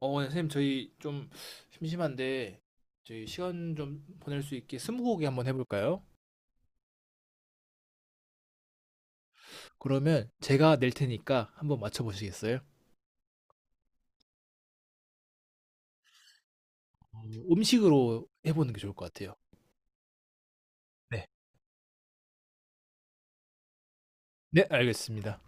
네, 선생님, 저희 좀 심심한데, 저희 시간 좀 보낼 수 있게 스무고개 한번 해볼까요? 그러면 제가 낼 테니까 한번 맞춰보시겠어요? 어, 음식으로 해보는 게 좋을 것 같아요. 네. 네, 알겠습니다.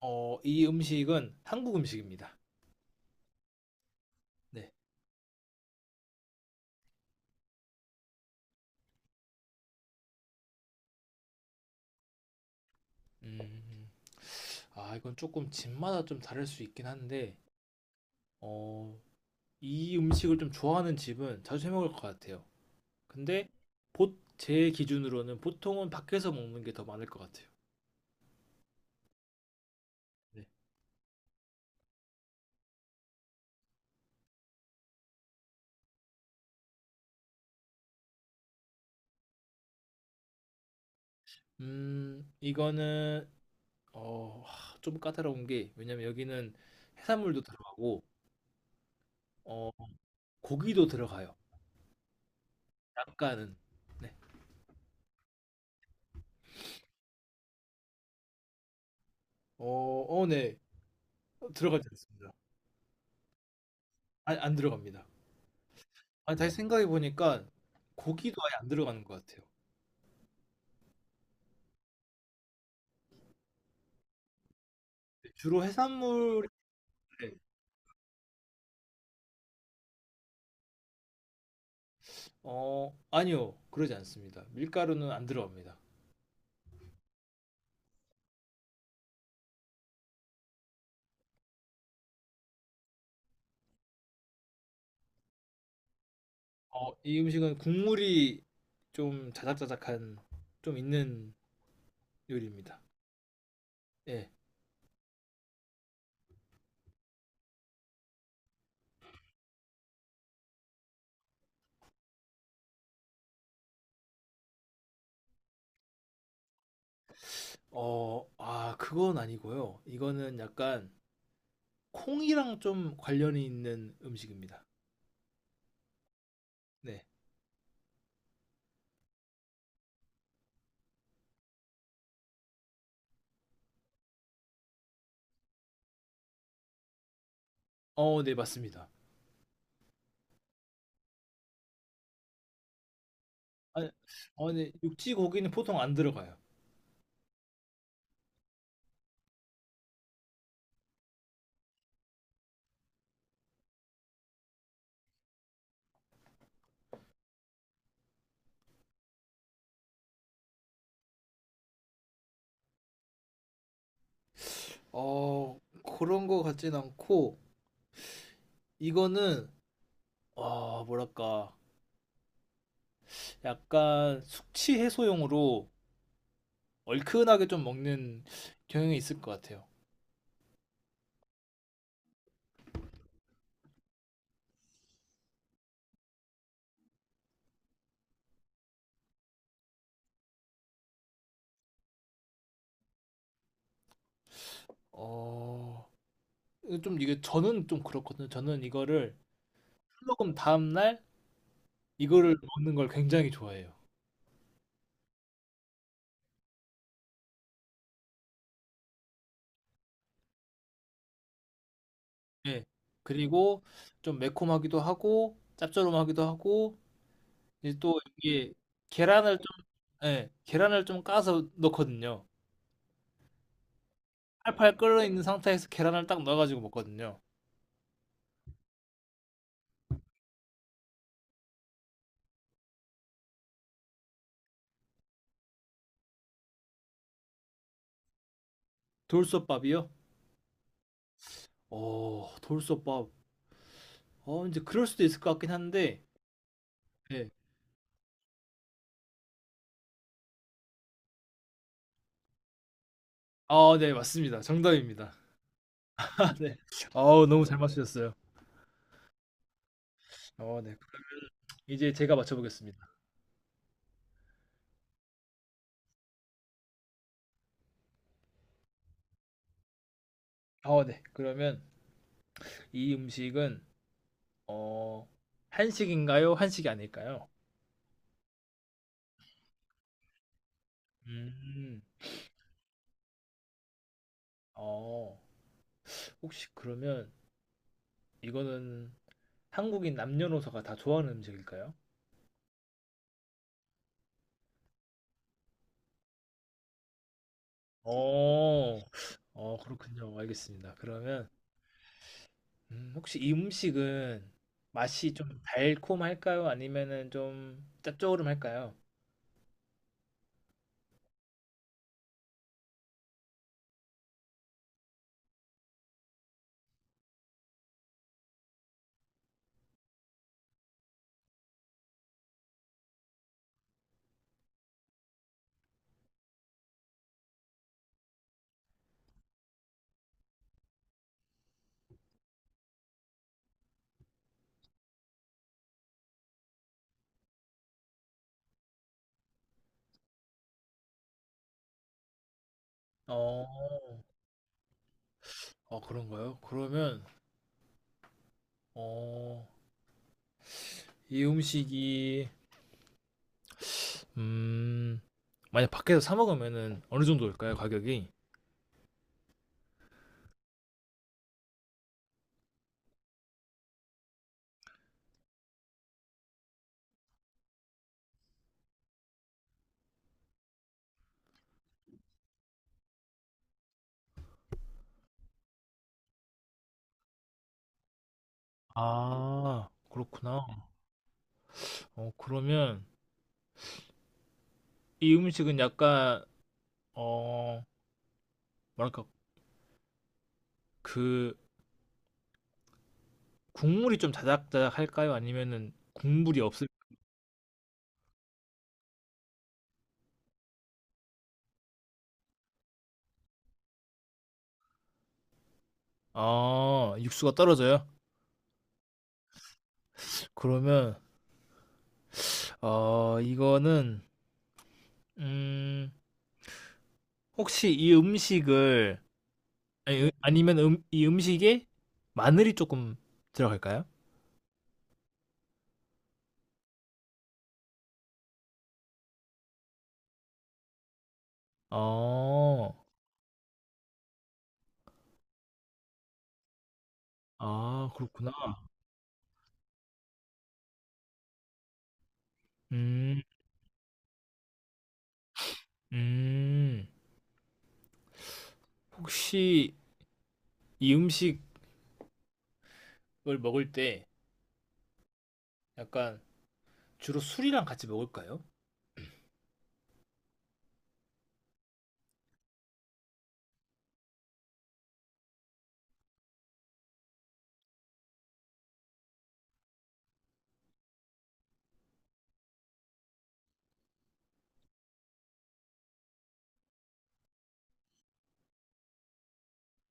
이 음식은 한국 음식입니다. 네. 음, 이건 조금 집마다 좀 다를 수 있긴 한데, 어, 이 음식을 좀 좋아하는 집은 자주 해먹을 것 같아요. 근데, 제 기준으로는 보통은 밖에서 먹는 게 더 많을 것 같아요. 네. 이거는 좀 까다로운 게 왜냐면 여기는 해산물도 들어가고 어, 고기도 들어가요. 약간은. 네. 어, 네. 들어가지 않습니다. 아니, 안 들어갑니다. 아니, 다시 생각해 보니까 고기도 아예 안 들어가는 것 같아요. 네, 주로 해산물인. 아니요, 그러지 않습니다. 밀가루는 안 들어갑니다. 이 음식은 국물이 좀 자작자작한 좀 있는 요리입니다. 예. 그건 아니고요. 이거는 약간 콩이랑 좀 관련이 있는 음식입니다. 네. 네, 맞습니다. 아니, 네, 육지 고기는 보통 안 들어가요. 어, 그런 거 같진 않고, 이거는, 뭐랄까, 약간 숙취 해소용으로 얼큰하게 좀 먹는 경향이 있을 것 같아요. 어, 좀 이게 저는 좀 그렇거든요. 저는 이거를 술 먹은 다음날 이거를 먹는 걸 굉장히 좋아해요. 예. 그리고 좀 매콤하기도 하고 짭조름하기도 하고 이제 또 이게 계란을 좀, 예, 계란을 좀 까서 넣거든요. 팔팔 끓어 있는 상태에서 계란을 딱 넣어 가지고 먹거든요. 돌솥밥이요? 돌솥밥. 인제 그럴 수도 있을 것 같긴 한데. 예. 네, 맞습니다. 정답입니다. 네. 어우, 너무 잘 맞추셨어요. 네. 이제 제가 맞춰보겠습니다. 네. 그러면 이 음식은 어 한식인가요? 한식이 아닐까요? 음. 어, 혹시 그러면 이거는 한국인 남녀노소가 다 좋아하는 음식일까요? 어, 그렇군요. 알겠습니다. 그러면 혹시 이 음식은 맛이 좀 달콤할까요? 아니면은 좀 짭조름할까요? 어, 그런가요? 그러면 어, 이 음식이 음, 만약 밖에서 사 먹으면은 어느 정도일까요? 가격이? 아, 그렇구나. 그러면 이 음식은 약간 어, 뭐랄까, 그, 국물이 좀 자작자작 할까요? 아니면은 국물이 없을. 아, 육수가 떨어져요? 그러면, 이거는, 음, 혹시 이 음식을, 아니, 아니면 이 음식에 마늘이 조금 들어갈까요? 어, 그렇구나. 음, 음, 혹시 이 음식을 먹을 때 약간 주로 술이랑 같이 먹을까요?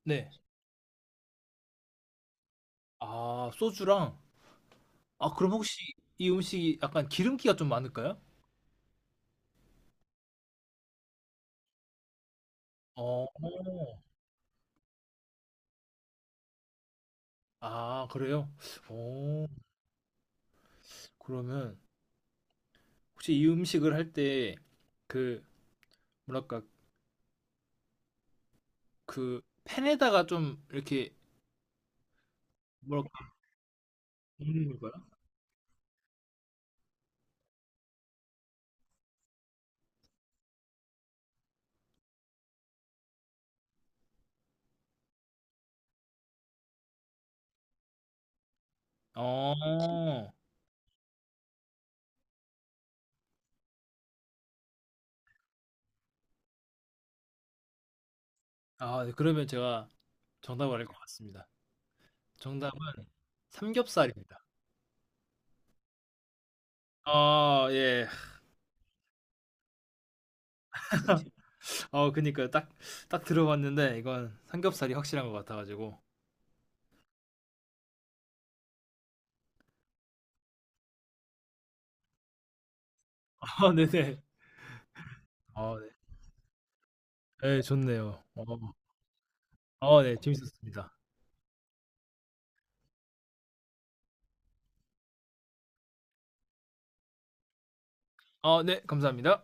네. 아, 소주랑. 그럼 혹시 이 음식이 약간 기름기가 좀 많을까요? 어. 아, 그래요? 어. 그러면 혹시 이 음식을 할 때 그 뭐랄까 그 팬에다가 좀 이렇게 뭐랄까 굽는 걸까요? 어. 네, 그러면 제가 정답을 알 것 같습니다. 정답은 삼겹살입니다. 예. 그니까요. 딱 딱 들어봤는데 이건 삼겹살이 확실한 것 같아 가지고. 네네. 아 네. 예, 좋네요. 어. 네. 재밌었습니다. 네. 감사합니다.